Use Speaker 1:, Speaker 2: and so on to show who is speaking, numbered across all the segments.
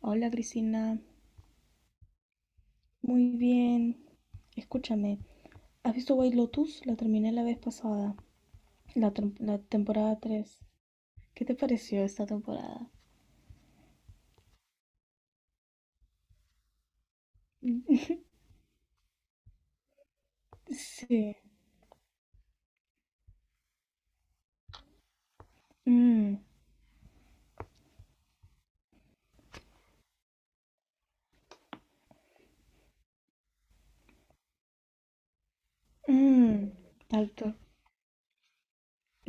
Speaker 1: Hola Cristina, muy bien. Escúchame, ¿has visto White Lotus? La terminé la vez pasada, la temporada 3. ¿Qué te pareció esta temporada? Sí. Mm, mm, Exacto.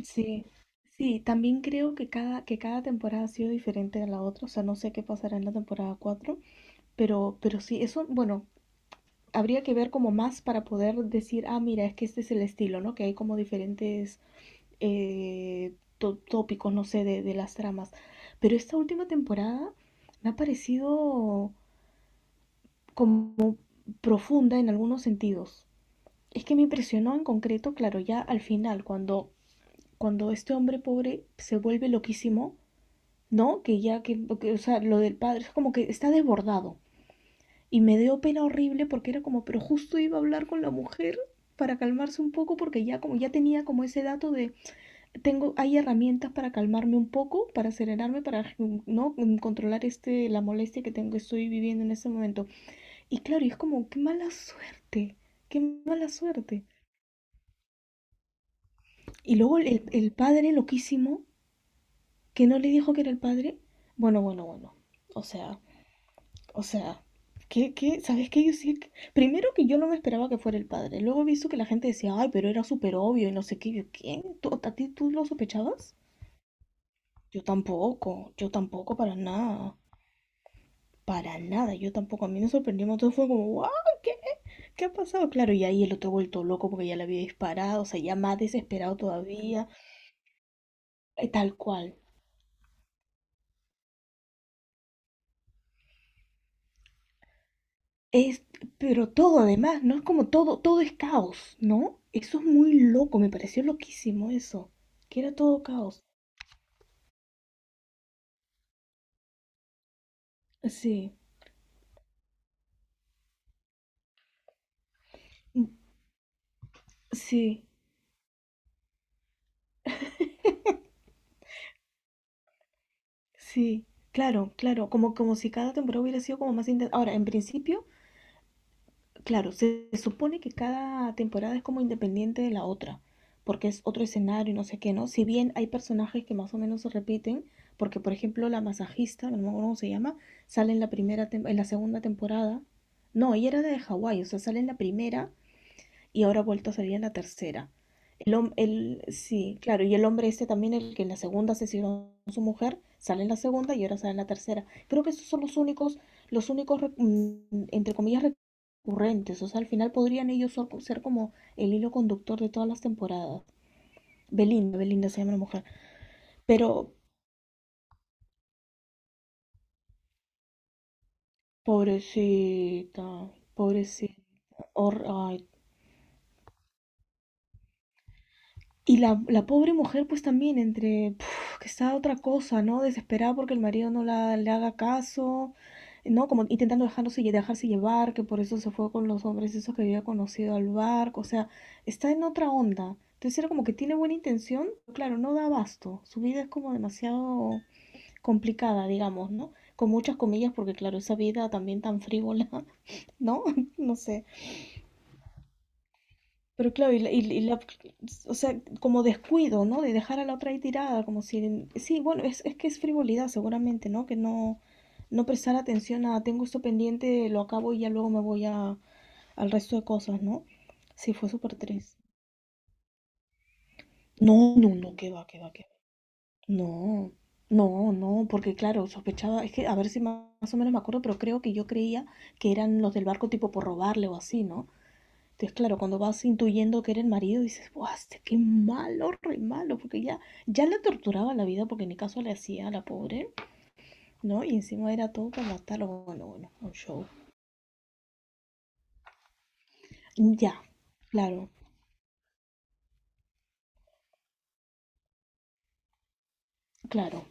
Speaker 1: Sí. Sí, también creo que cada temporada ha sido diferente a la otra, o sea, no sé qué pasará en la temporada 4, pero sí, eso, bueno, habría que ver como más para poder decir, ah, mira, es que este es el estilo, ¿no? Que hay como diferentes tópicos, no sé, de las tramas. Pero esta última temporada me ha parecido como profunda en algunos sentidos. Es que me impresionó en concreto, claro, ya al final, cuando, cuando este hombre pobre se vuelve loquísimo, ¿no? Que ya que, o sea, lo del padre es como que está desbordado. Y me dio pena horrible porque era como, pero justo iba a hablar con la mujer para calmarse un poco porque ya como ya tenía como ese dato de tengo, hay herramientas para calmarme un poco, para serenarme, para no controlar este, la molestia que tengo, que estoy viviendo en este momento. Y claro, y es como, qué mala suerte, qué mala suerte. Y luego el padre loquísimo, que no le dijo que era el padre. Bueno, bueno, bueno. O sea, o sea, ¿qué, qué? ¿Sabes qué? Yo sí, primero que yo no me esperaba que fuera el padre. Luego he visto que la gente decía, ay, pero era súper obvio y no sé qué. Yo, ¿quién? ¿Tú, ¿A ti tú lo sospechabas? Yo tampoco para nada. Para nada, yo tampoco. A mí me sorprendimos. Todo fue como, wow, ¿qué, qué ha pasado? Claro, y ahí el otro vuelto loco porque ya le había disparado, o sea, ya más desesperado todavía, tal cual. Es, pero todo además, ¿no? Es como todo, todo es caos, ¿no? Eso es muy loco, me pareció loquísimo eso, que era todo caos. Sí, mm, sí, sí, claro, claro, como, como si cada temporada hubiera sido como más intensa. Ahora, en principio, claro, se supone que cada temporada es como independiente de la otra, porque es otro escenario y no sé qué, ¿no? Si bien hay personajes que más o menos se repiten, porque por ejemplo la masajista, no me acuerdo cómo se llama, sale en la segunda temporada. No, ella era de Hawái, o sea, sale en la primera y ahora ha vuelto a salir en la tercera. Sí, claro, y el hombre este también, el que en la segunda asesinó a su mujer, sale en la segunda y ahora sale en la tercera. Creo que esos son los únicos, entre comillas, recurrentes. O sea, al final podrían ellos ser, ser como el hilo conductor de todas las temporadas. Belinda, Belinda se llama la mujer. Pero, pobrecita, pobrecita. Hor- ay, y la pobre mujer, pues también, entre puf, que está otra cosa, ¿no? Desesperada porque el marido no la, le haga caso, ¿no? Como intentando dejarse llevar, que por eso se fue con los hombres esos que había conocido al barco, o sea, está en otra onda. Entonces era como que tiene buena intención, pero claro, no da abasto. Su vida es como demasiado complicada, digamos, ¿no? Con muchas comillas, porque claro, esa vida también tan frívola, ¿no? No sé. Pero claro, y la- o sea, como descuido, ¿no? De dejar a la otra ahí tirada, como si, sí, bueno, es que es frivolidad seguramente, ¿no? Que no, no prestar atención a, tengo esto pendiente, lo acabo y ya luego me voy a, al resto de cosas, ¿no? Sí, fue súper triste. No, no, no, que va, que va, que va. No, no, no, porque claro, sospechaba, es que a ver si más, más o menos me acuerdo, pero creo que yo creía que eran los del barco tipo por robarle o así, ¿no? Entonces, claro, cuando vas intuyendo que era el marido, dices, ¡buah, este qué malo, re malo! Porque ya, ya la torturaba la vida porque ni caso le hacía a la pobre, ¿no? Y encima era todo para matarlo. Bueno, bueno, un show. Ya, claro, claro.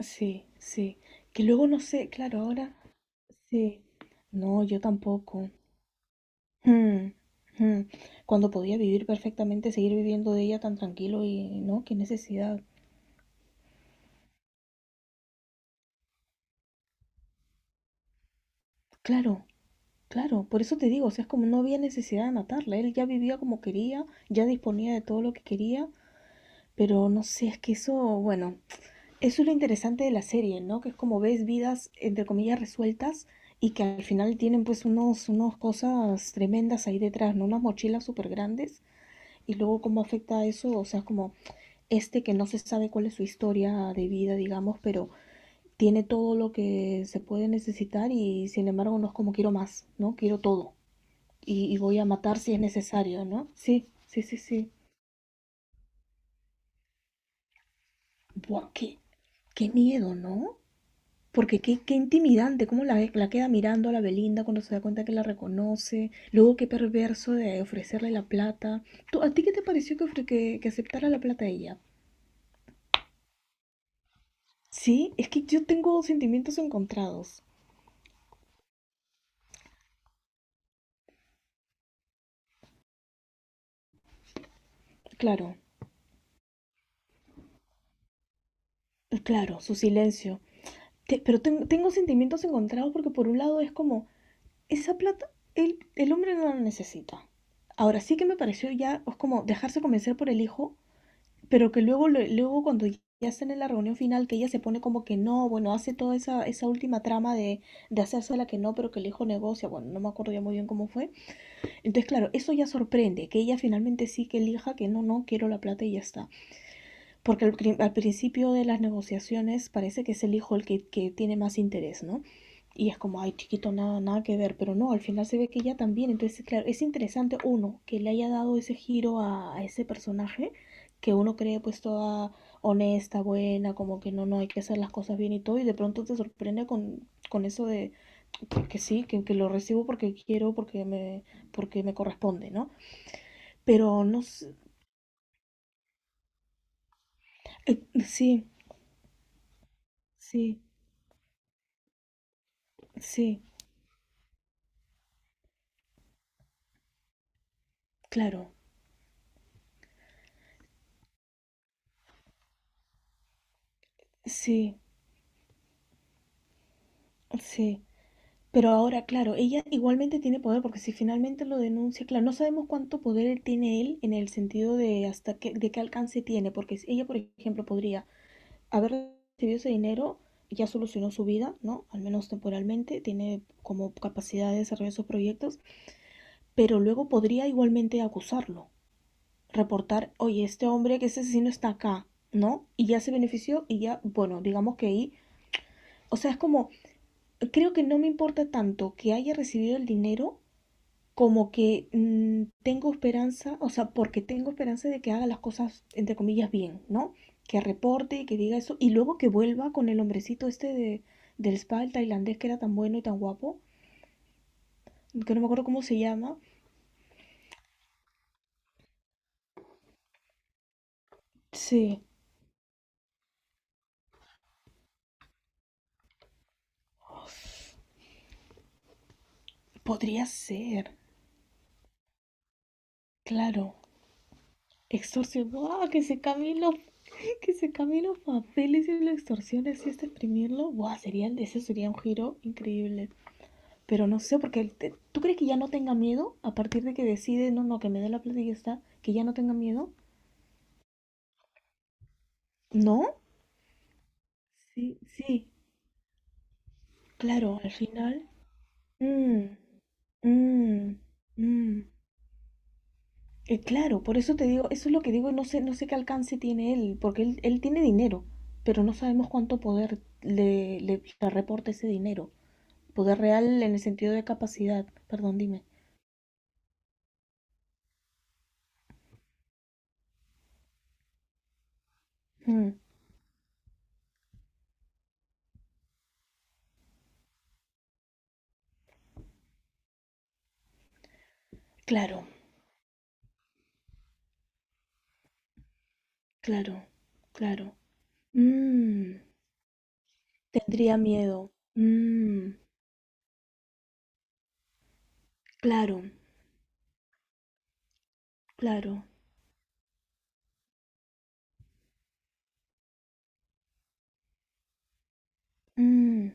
Speaker 1: Sí, sí. Que luego no sé, claro, ahora. Sí. No, yo tampoco. Hmm, hmm. Cuando podía vivir perfectamente, seguir viviendo de ella tan tranquilo y, ¿no? Qué necesidad. Claro, claro, por eso te digo, o sea, es como no había necesidad de matarla, él ya vivía como quería, ya disponía de todo lo que quería, pero no sé, es que eso, bueno, eso es lo interesante de la serie, ¿no? Que es como ves vidas, entre comillas, resueltas y que al final tienen pues unos, unos cosas tremendas ahí detrás, ¿no? Unas mochilas súper grandes y luego cómo afecta eso, o sea, como este que no se sabe cuál es su historia de vida, digamos, pero tiene todo lo que se puede necesitar y sin embargo no es como quiero más, ¿no? Quiero todo y voy a matar si es necesario, ¿no? Sí, sí, sí, sí. Buah, qué, qué miedo, ¿no? Porque qué, qué intimidante, cómo la, la queda mirando a la Belinda cuando se da cuenta que la reconoce. Luego qué perverso de ofrecerle la plata. ¿Tú, ¿A ti qué te pareció que, que aceptara la plata ella? Sí, es que yo tengo sentimientos encontrados. Claro, claro, su silencio. Tengo sentimientos encontrados porque por un lado es como, esa plata el hombre no la necesita. Ahora sí que me pareció ya es como dejarse convencer por el hijo, pero que luego, luego cuando ya están en la reunión final, que ella se pone como que no, bueno, hace toda esa, esa última trama de hacerse la que no, pero que el hijo negocia, bueno, no me acuerdo ya muy bien cómo fue. Entonces, claro, eso ya sorprende, que ella finalmente sí que elija que no, no, quiero la plata y ya está. Porque al, al principio de las negociaciones parece que es el hijo el que tiene más interés, ¿no? Y es como, ay, chiquito, nada, nada que ver, pero no, al final se ve que ella también. Entonces, claro, es interesante, uno, que le haya dado ese giro a ese personaje, que uno cree pues toda honesta, buena, como que no, no, hay que hacer las cosas bien y todo, y de pronto te sorprende con eso de que sí, que lo recibo porque quiero, porque me corresponde, ¿no? Pero no sé, sí, sí, sí, claro. Sí, sí. Pero ahora, claro, ella igualmente tiene poder, porque si finalmente lo denuncia, claro, no sabemos cuánto poder tiene él en el sentido de hasta qué, de qué alcance tiene, porque si ella, por ejemplo, podría haber recibido ese dinero, ya solucionó su vida, ¿no? Al menos temporalmente, tiene como capacidad de desarrollar esos proyectos, pero luego podría igualmente acusarlo, reportar, oye, este hombre que es asesino está acá, ¿no? Y ya se benefició y ya, bueno, digamos que ahí, o sea, es como creo que no me importa tanto que haya recibido el dinero como que mm, tengo esperanza, o sea, porque tengo esperanza de que haga las cosas, entre comillas, bien, ¿no? Que reporte, que diga eso, y luego que vuelva con el hombrecito este de, del spa, el tailandés, que era tan bueno y tan guapo, que no me acuerdo cómo se llama. Sí. Uf, podría ser, claro. Extorsionó, ¡ah! Que se cambien los, que se cambien los papeles y lo extorsiones y este exprimirlo. Buah, sería, ese sería un giro increíble. Pero no sé, porque tú crees que ya no tenga miedo a partir de que decide, no, no, que me dé la plata y ya está, que ya no tenga miedo. ¿No? Sí, sí, claro, al final. Mm, mm, mm. Claro, por eso te digo, eso es lo que digo, no sé, no sé qué alcance tiene él, porque él tiene dinero, pero no sabemos cuánto poder le reporta ese dinero. Poder real en el sentido de capacidad, perdón, dime. Mm, claro, claro, claro. Mm, tendría miedo. Mm, claro, claro. Mm,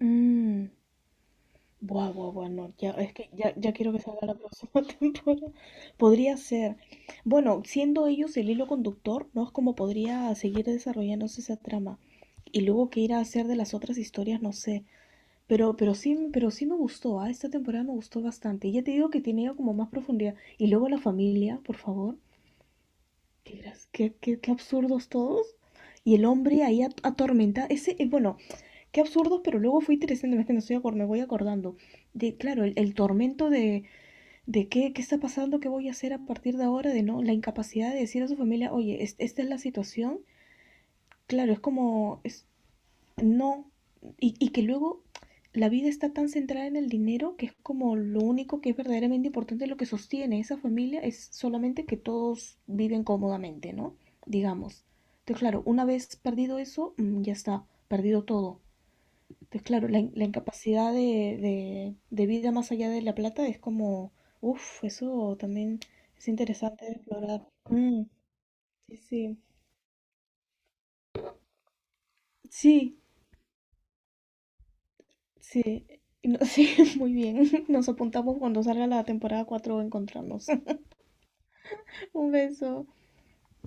Speaker 1: mm. Buah, buah, buah, no. Ya, es que ya, ya quiero que salga la próxima temporada. Podría ser. Bueno, siendo ellos el hilo conductor, ¿no? Es como podría seguir desarrollándose esa trama. Y luego qué ir a hacer de las otras historias, no sé. Pero sí me gustó, ¿ah? Esta temporada me gustó bastante. Y ya te digo que tenía como más profundidad. Y luego la familia, por favor. Qué, gras- qué- qué- qué absurdos todos. Y el hombre ahí atormenta. Ese, bueno, qué absurdos, pero luego fue interesante. No, es que no me voy acordando. De, claro, el tormento de qué, qué está pasando, qué voy a hacer a partir de ahora, de no, la incapacidad de decir a su familia, oye, esta es la situación. Claro, es como, es, no, y que luego la vida está tan centrada en el dinero que es como lo único que es verdaderamente importante, lo que sostiene esa familia es solamente que todos viven cómodamente, ¿no? Digamos. Entonces, claro, una vez perdido eso, mm, ya está, perdido todo. Entonces, claro, la incapacidad de vida más allá de la plata es como, uff, eso también es interesante de explorar. Mm, sí, sí. Sí, sí, sí, muy bien. Nos apuntamos cuando salga la temporada 4, a encontrarnos. Un beso.